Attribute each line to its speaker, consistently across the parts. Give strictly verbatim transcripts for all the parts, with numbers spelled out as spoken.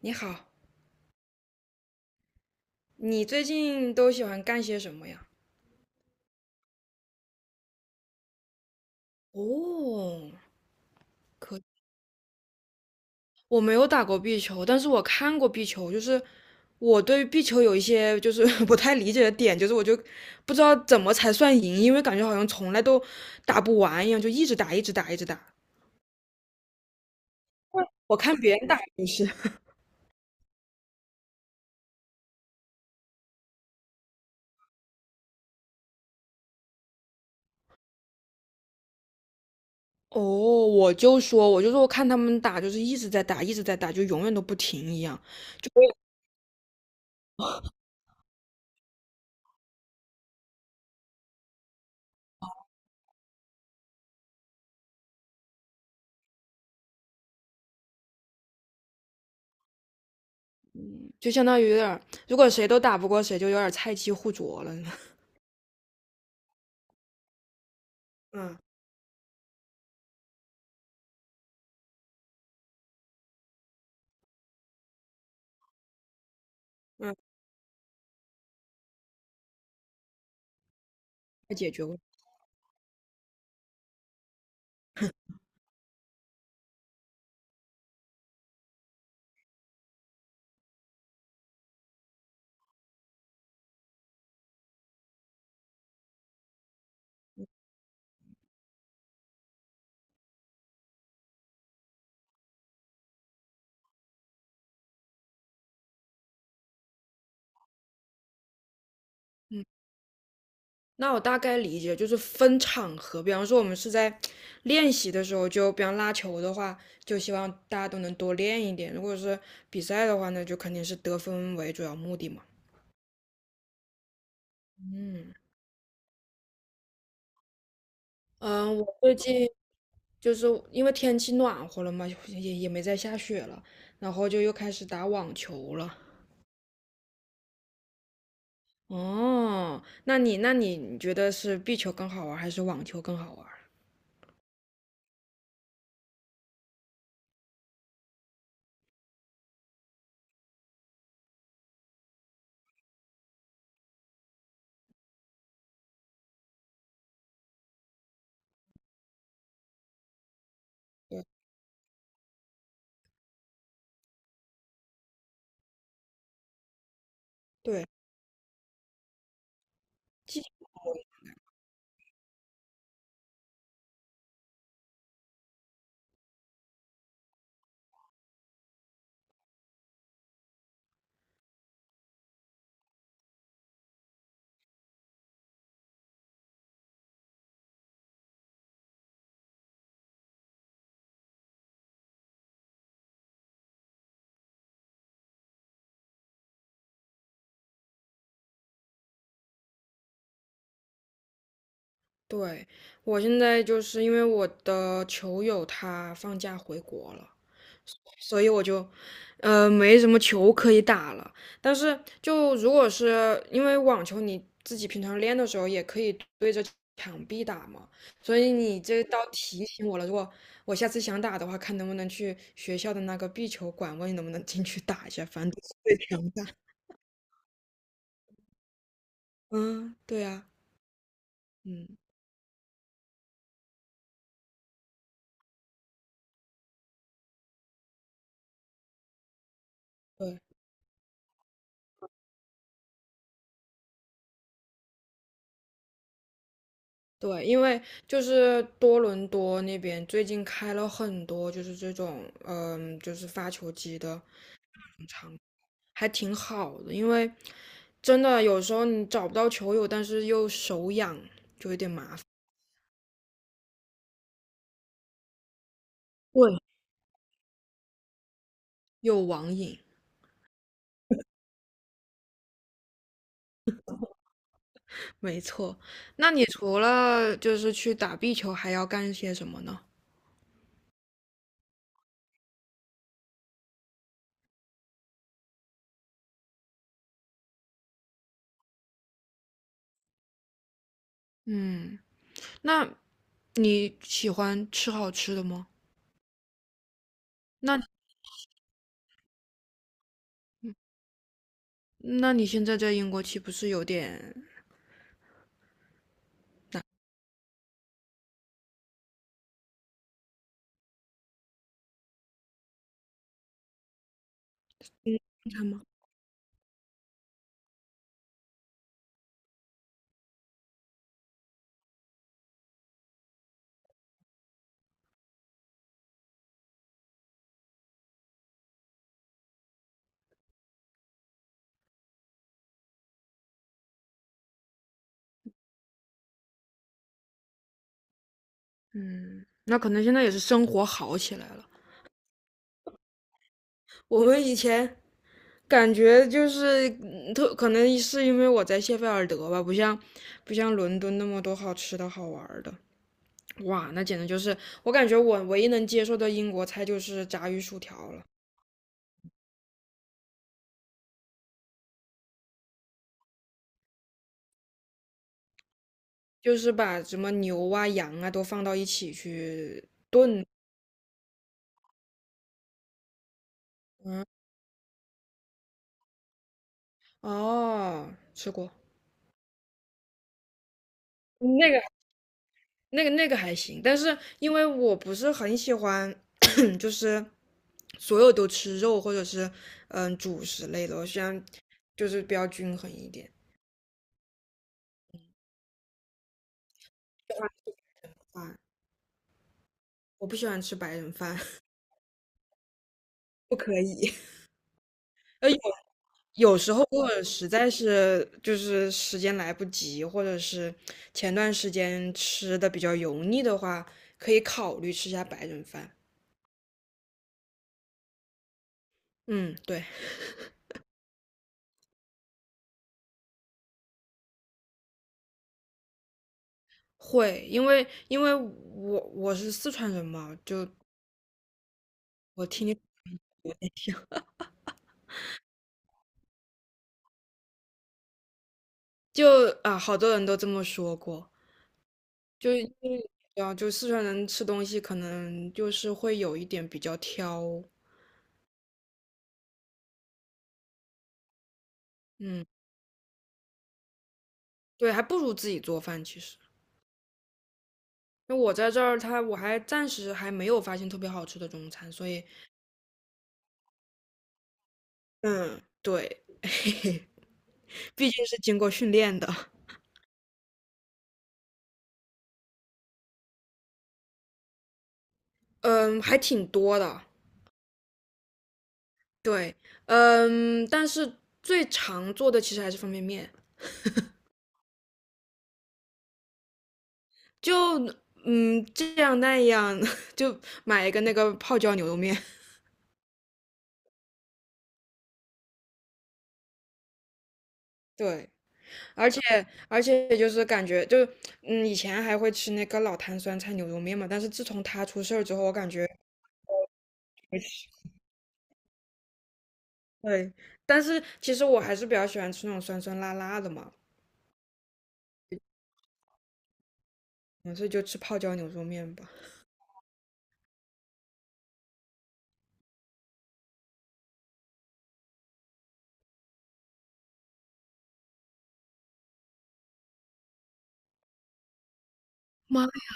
Speaker 1: 你好，你最近都喜欢干些什么呀？哦，可我没有打过壁球，但是我看过壁球，就是我对壁球有一些就是 不太理解的点，就是我就不知道怎么才算赢，因为感觉好像从来都打不完一样，就一直打，一直打，一直打。我看别人打也是。哦，我就说，我就说，我看他们打就是一直在打，一直在打，就永远都不停一样，就相当于有点儿，如果谁都打不过谁，就有点儿菜鸡互啄了。嗯嗯，太解决问那我大概理解，就是分场合，比方说我们是在练习的时候，就比方拉球的话，就希望大家都能多练一点；如果是比赛的话那就肯定是得分为主要目的嘛。嗯嗯，我最近就是因为天气暖和了嘛，也也没再下雪了，然后就又开始打网球了。哦，那你那你你觉得是壁球更好玩，还是网球更好玩？对对。对，我现在就是因为我的球友他放假回国了，所以我就，呃，没什么球可以打了。但是就如果是因为网球，你自己平常练的时候也可以对着墙壁打嘛，所以你这倒提醒我了。如果我下次想打的话，看能不能去学校的那个壁球馆，问你能不能进去打一下，反正都是对墙打。嗯，对啊，嗯，对。对，因为就是多伦多那边最近开了很多，就是这种，嗯，就是发球机的，还挺好的。因为真的有时候你找不到球友，但是又手痒，就有点麻烦。对，有网瘾。没错，那你除了就是去打壁球，还要干些什么呢？嗯，那你喜欢吃好吃的吗？那那你现在在英国岂不是有点？你看嗯，那可能现在也是生活好起来了。我们以前感觉就是嗯特，可能是因为我在谢菲尔德吧，不像不像伦敦那么多好吃的好玩儿的。哇，那简直就是我感觉我唯一能接受的英国菜就是炸鱼薯条了，就是把什么牛啊、羊啊都放到一起去炖。哦，吃过那个那个那个还行，但是因为我不是很喜欢就是所有都吃肉或者是嗯主食类的，我喜欢就是比较均衡一点。白人饭，我不喜欢吃白人饭，不可以。呃，有有时候如果实在是就是时间来不及，或者是前段时间吃的比较油腻的话，可以考虑吃下白人饭。嗯，对，会，因为因为我我是四川人嘛，就我听你有点像 就啊，好多人都这么说过。就因为啊，就四川人吃东西可能就是会有一点比较挑，嗯，对，还不如自己做饭。其实，那我在这儿，他我还暂时还没有发现特别好吃的中餐，所以，嗯，对，毕竟是经过训练的。嗯，还挺多的，对，嗯，但是最常做的其实还是方便面，就嗯这样那样，就买一个那个泡椒牛肉面。对。而且而且就是感觉就是，嗯，以前还会吃那个老坛酸菜牛肉面嘛，但是自从他出事儿之后，我感觉对，但是其实我还是比较喜欢吃那种酸酸辣辣的嘛，嗯所以就吃泡椒牛肉面吧。妈呀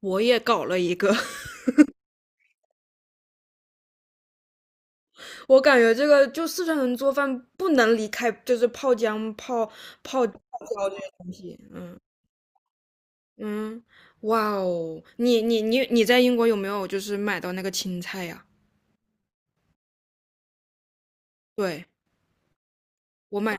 Speaker 1: 我也搞了一个，我感觉这个就四川人做饭不能离开就是泡姜、泡泡泡椒这些东西，嗯嗯，哇哦，你你你你在英国有没有就是买到那个青菜呀？对，我买。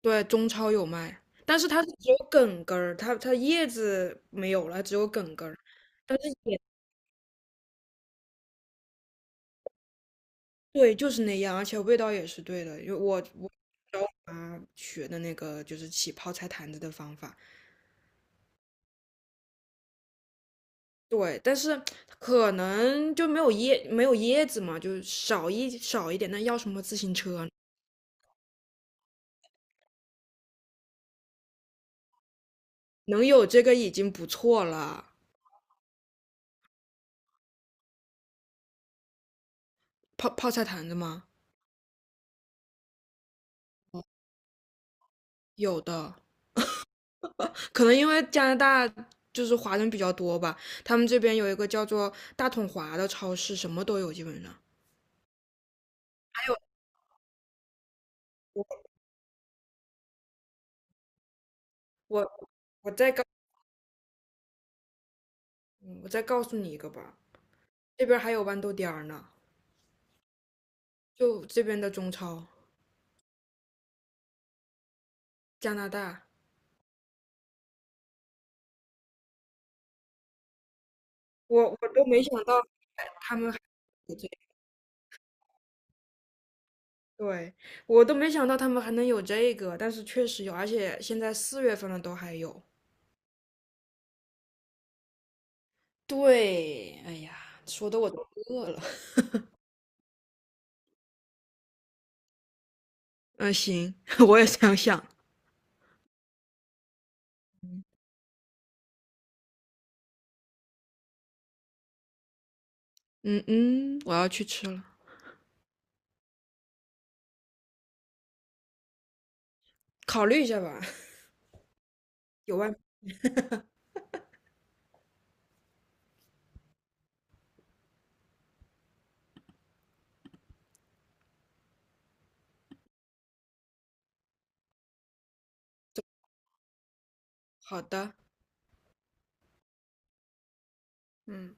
Speaker 1: 对，中超有卖，但是它是只有梗根儿，它它叶子没有了，只有梗根儿。但是也对，就是那样，而且味道也是对的。因为我我教我妈学的那个就是起泡菜坛子的方法，对，但是可能就没有叶没有叶子嘛，就少一少一点。那要什么自行车？能有这个已经不错了。泡泡菜坛子吗？有的。可能因为加拿大就是华人比较多吧，他们这边有一个叫做大统华的超市，什么都有，基本上。还有我我再告嗯我再告诉你一个吧，这边还有豌豆颠儿呢，就这边的中超，加拿大，我我都没想到他们还对我都没想到他们还能有这个，但是确实有，而且现在四月份了都还有。对，哎呀，说的我都饿了。嗯，行，我也这样想。嗯嗯，我要去吃了。考虑一下吧。有外，好的，嗯。